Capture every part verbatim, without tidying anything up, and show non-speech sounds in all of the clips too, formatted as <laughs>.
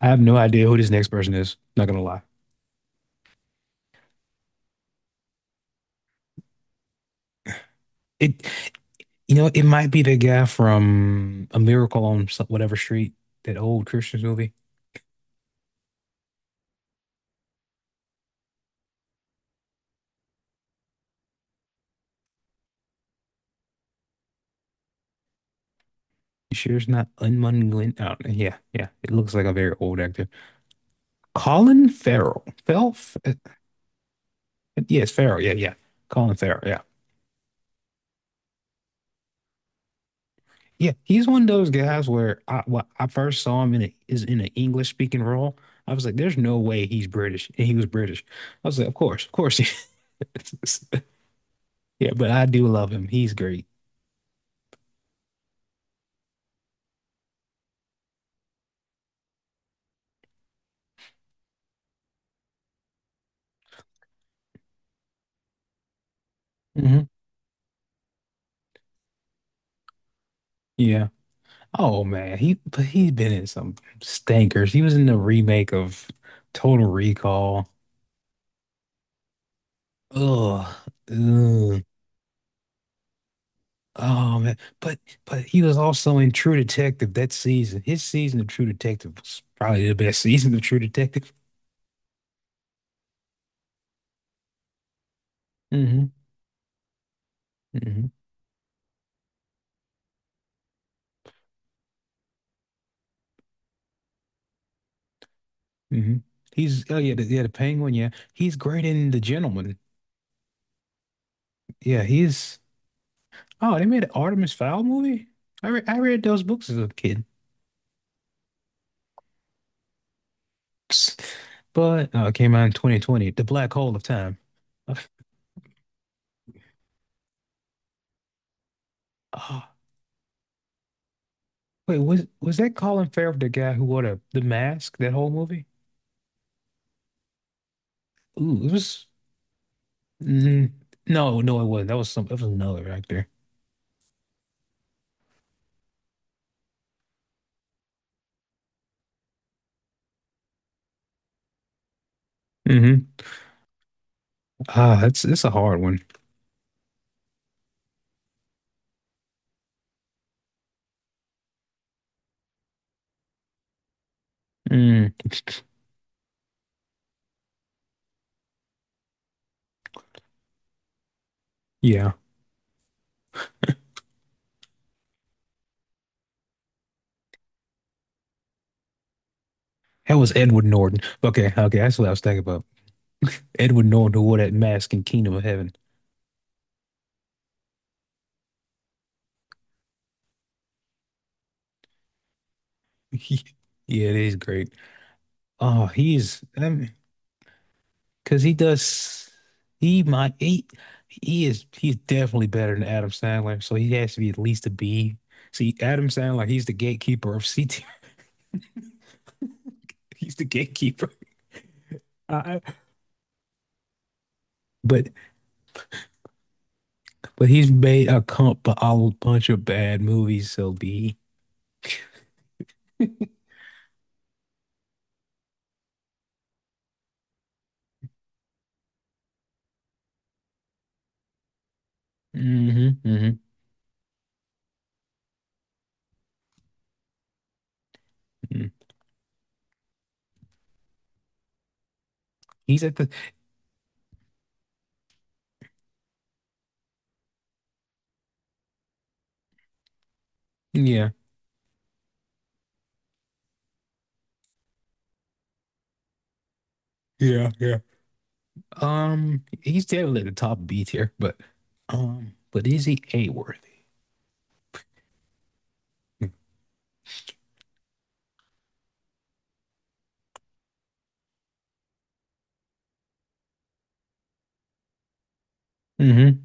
I have no idea who this next person is. Not gonna lie. It, you know, it might be the guy from A Miracle on so- whatever street, that old Christian movie. You sure it's not Unmun Glenn? I don't know. Yeah, yeah. It looks like a very old actor. Colin Farrell. Fell? F- Yes, Farrell. Yeah, yeah. Colin Farrell. Yeah, yeah. He's one of those guys where I when I first saw him in a, is in an English speaking role. I was like, there's no way he's British, and he was British. I was like, of course, of course he is. <laughs> Yeah, but I do love him. He's great. Mhm. Yeah. Oh man, he but he's been in some stankers. He was in the remake of Total Recall. Ugh. Ugh. Oh man. But but he was also in True Detective that season. His season of True Detective was probably the best <laughs> season of True Detective. Hmm hmm hmm He's oh yeah, the, yeah, the Penguin, yeah. He's great in The Gentleman. Yeah, he's oh, they made an Artemis Fowl movie? I re I read those books as a kid. But uh, it came out in twenty twenty, The Black Hole of Time. Uh, ah, wait, was was that Colin Farrell, the guy who wore the, the mask, that whole movie? Ooh, it was. mm, no, no, it wasn't. That was some. That was another actor. Hmm Ah, that's it's a hard one. Mm, yeah, that was Edward Norton. Okay, okay, that's what I was thinking about. Edward Norton who wore that mask in Kingdom of Heaven. <laughs> Yeah, it is great. Oh, he's. I mean, cause he does he might he he is he's definitely better than Adam Sandler, so he has to be at least a B. See, Adam Sandler, he's the gatekeeper of C tier. <laughs> He's the gatekeeper. I, I- but but he's made a comp a whole bunch of bad movies, so B. <laughs> hmm hmm He's at the yeah. Yeah, yeah. Um, he's definitely at the top B tier, but um, but is he A worthy? Mm-hmm.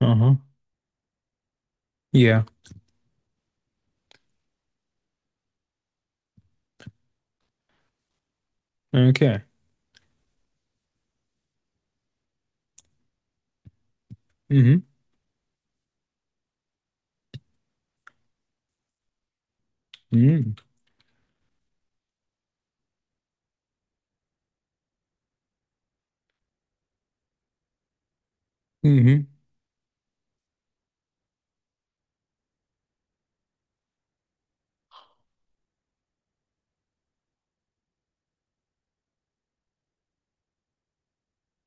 Uh-huh. Yeah. Okay. Mm-hmm. Mm-hmm. Mm-hmm.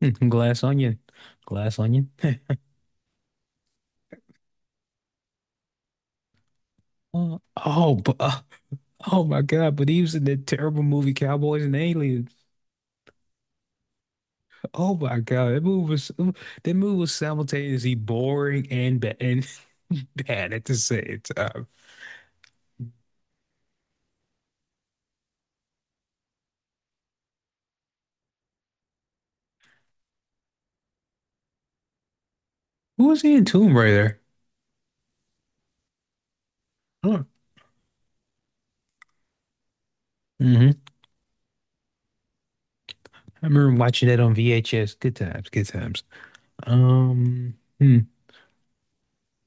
Mm-hmm. Glass onion. Glass onion. <laughs> Oh, oh, but, uh, oh my God! But he was in that terrible movie Cowboys and Aliens. Oh my God! That movie was that movie was simultaneously boring and bad and <laughs> bad at the same time. Who was he in Tomb Raider? Oh, hmm I remember watching that on V H S. Good times. Good times. Um. Hmm.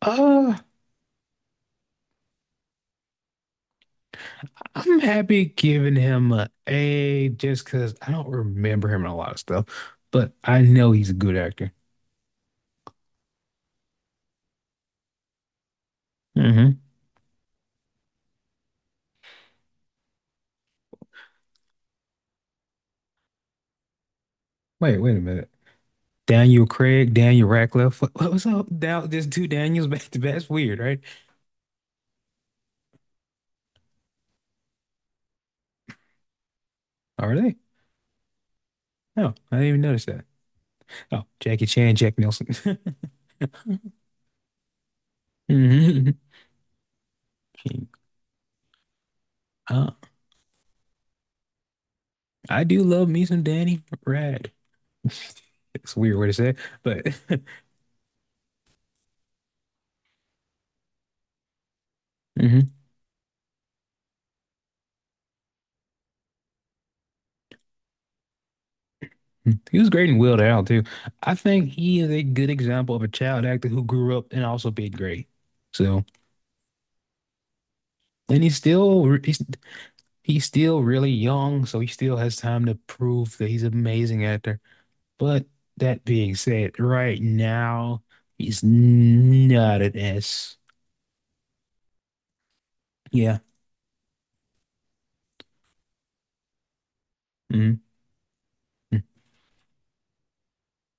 Uh, I'm happy giving him a A just because I don't remember him in a lot of stuff, but I know he's a good actor. Hmm Wait, wait a minute. Daniel Craig, Daniel Radcliffe. What, what was up? Down, there's two Daniels back to back. That's weird, right? Are they? No, I didn't even notice that. Oh, Jackie Chan, Jack Nicholson. <laughs> hmm Uh, I do love me some Danny Rad. It's a weird way to say it, but <laughs> mhm. Hmm. He was great in Will Out too. I think he is a good example of a child actor who grew up and also did great. So, and he's still re- he's he's still really young, so he still has time to prove that he's an amazing actor. But that being said, right now he's not an S. Yeah.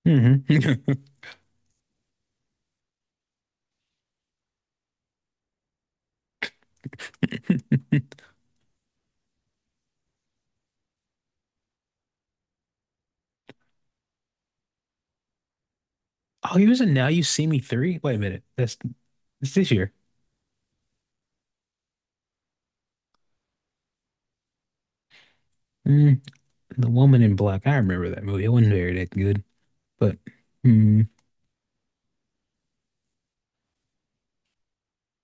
Mm-hmm. <laughs> Oh, he was in Now You See Me three? Wait a minute. That's it's this year. Mm, The Woman in Black. I remember that movie. It wasn't very that good, but mm,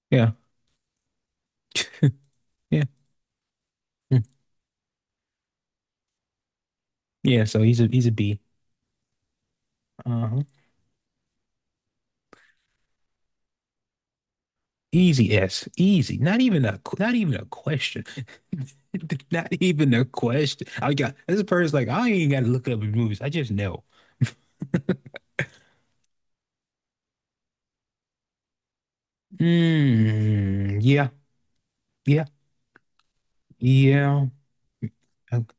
yeah. Yeah. Mm. Yeah, so he's a he's a B. Uh-huh. Easy S. Easy. Not even a qu- not even a question. <laughs> Not even a question. I got this person's like, I ain't gotta look up his movies. I just know. Mm, yeah, yeah, yeah. Okay.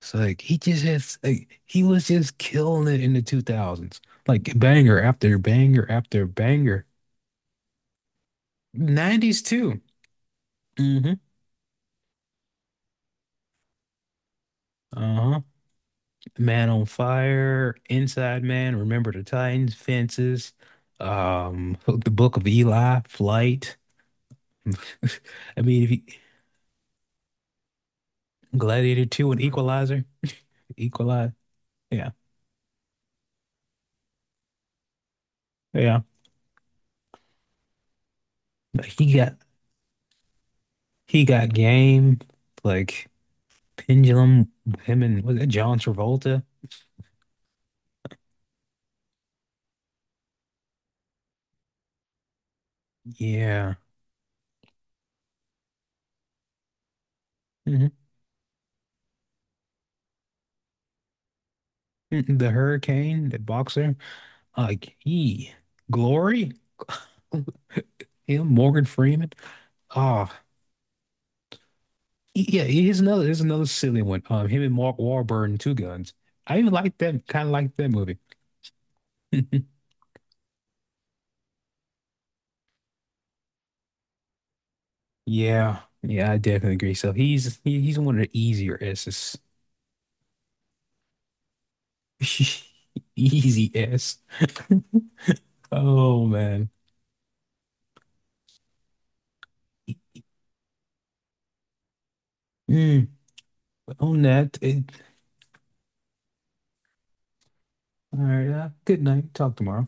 It's like he just has like, he was just killing it in the two thousands. Like banger after banger after banger. nineties too. Mm-hmm. Uh-huh. Man on Fire, Inside Man, Remember the Titans, Fences, um, <laughs> The Book of Eli, Flight. <laughs> I mean, if you, Gladiator two and Equalizer, Equalize. Yeah. Yeah. But he got he got game like Pendulum, him and was it John Travolta? Yeah. hmm The Hurricane, the boxer. Like he, Glory, <laughs> him, Morgan Freeman. Oh. Yeah, here's another here's another silly one. Um, him and Mark Wahlberg and Two Guns. I even like that kind of like that movie. <laughs> Yeah, yeah, I definitely agree. So he's he, he's one of the easier S's. <laughs> Easy S. Oh man. Mm, on that, it, all right. Uh, good night. Talk tomorrow.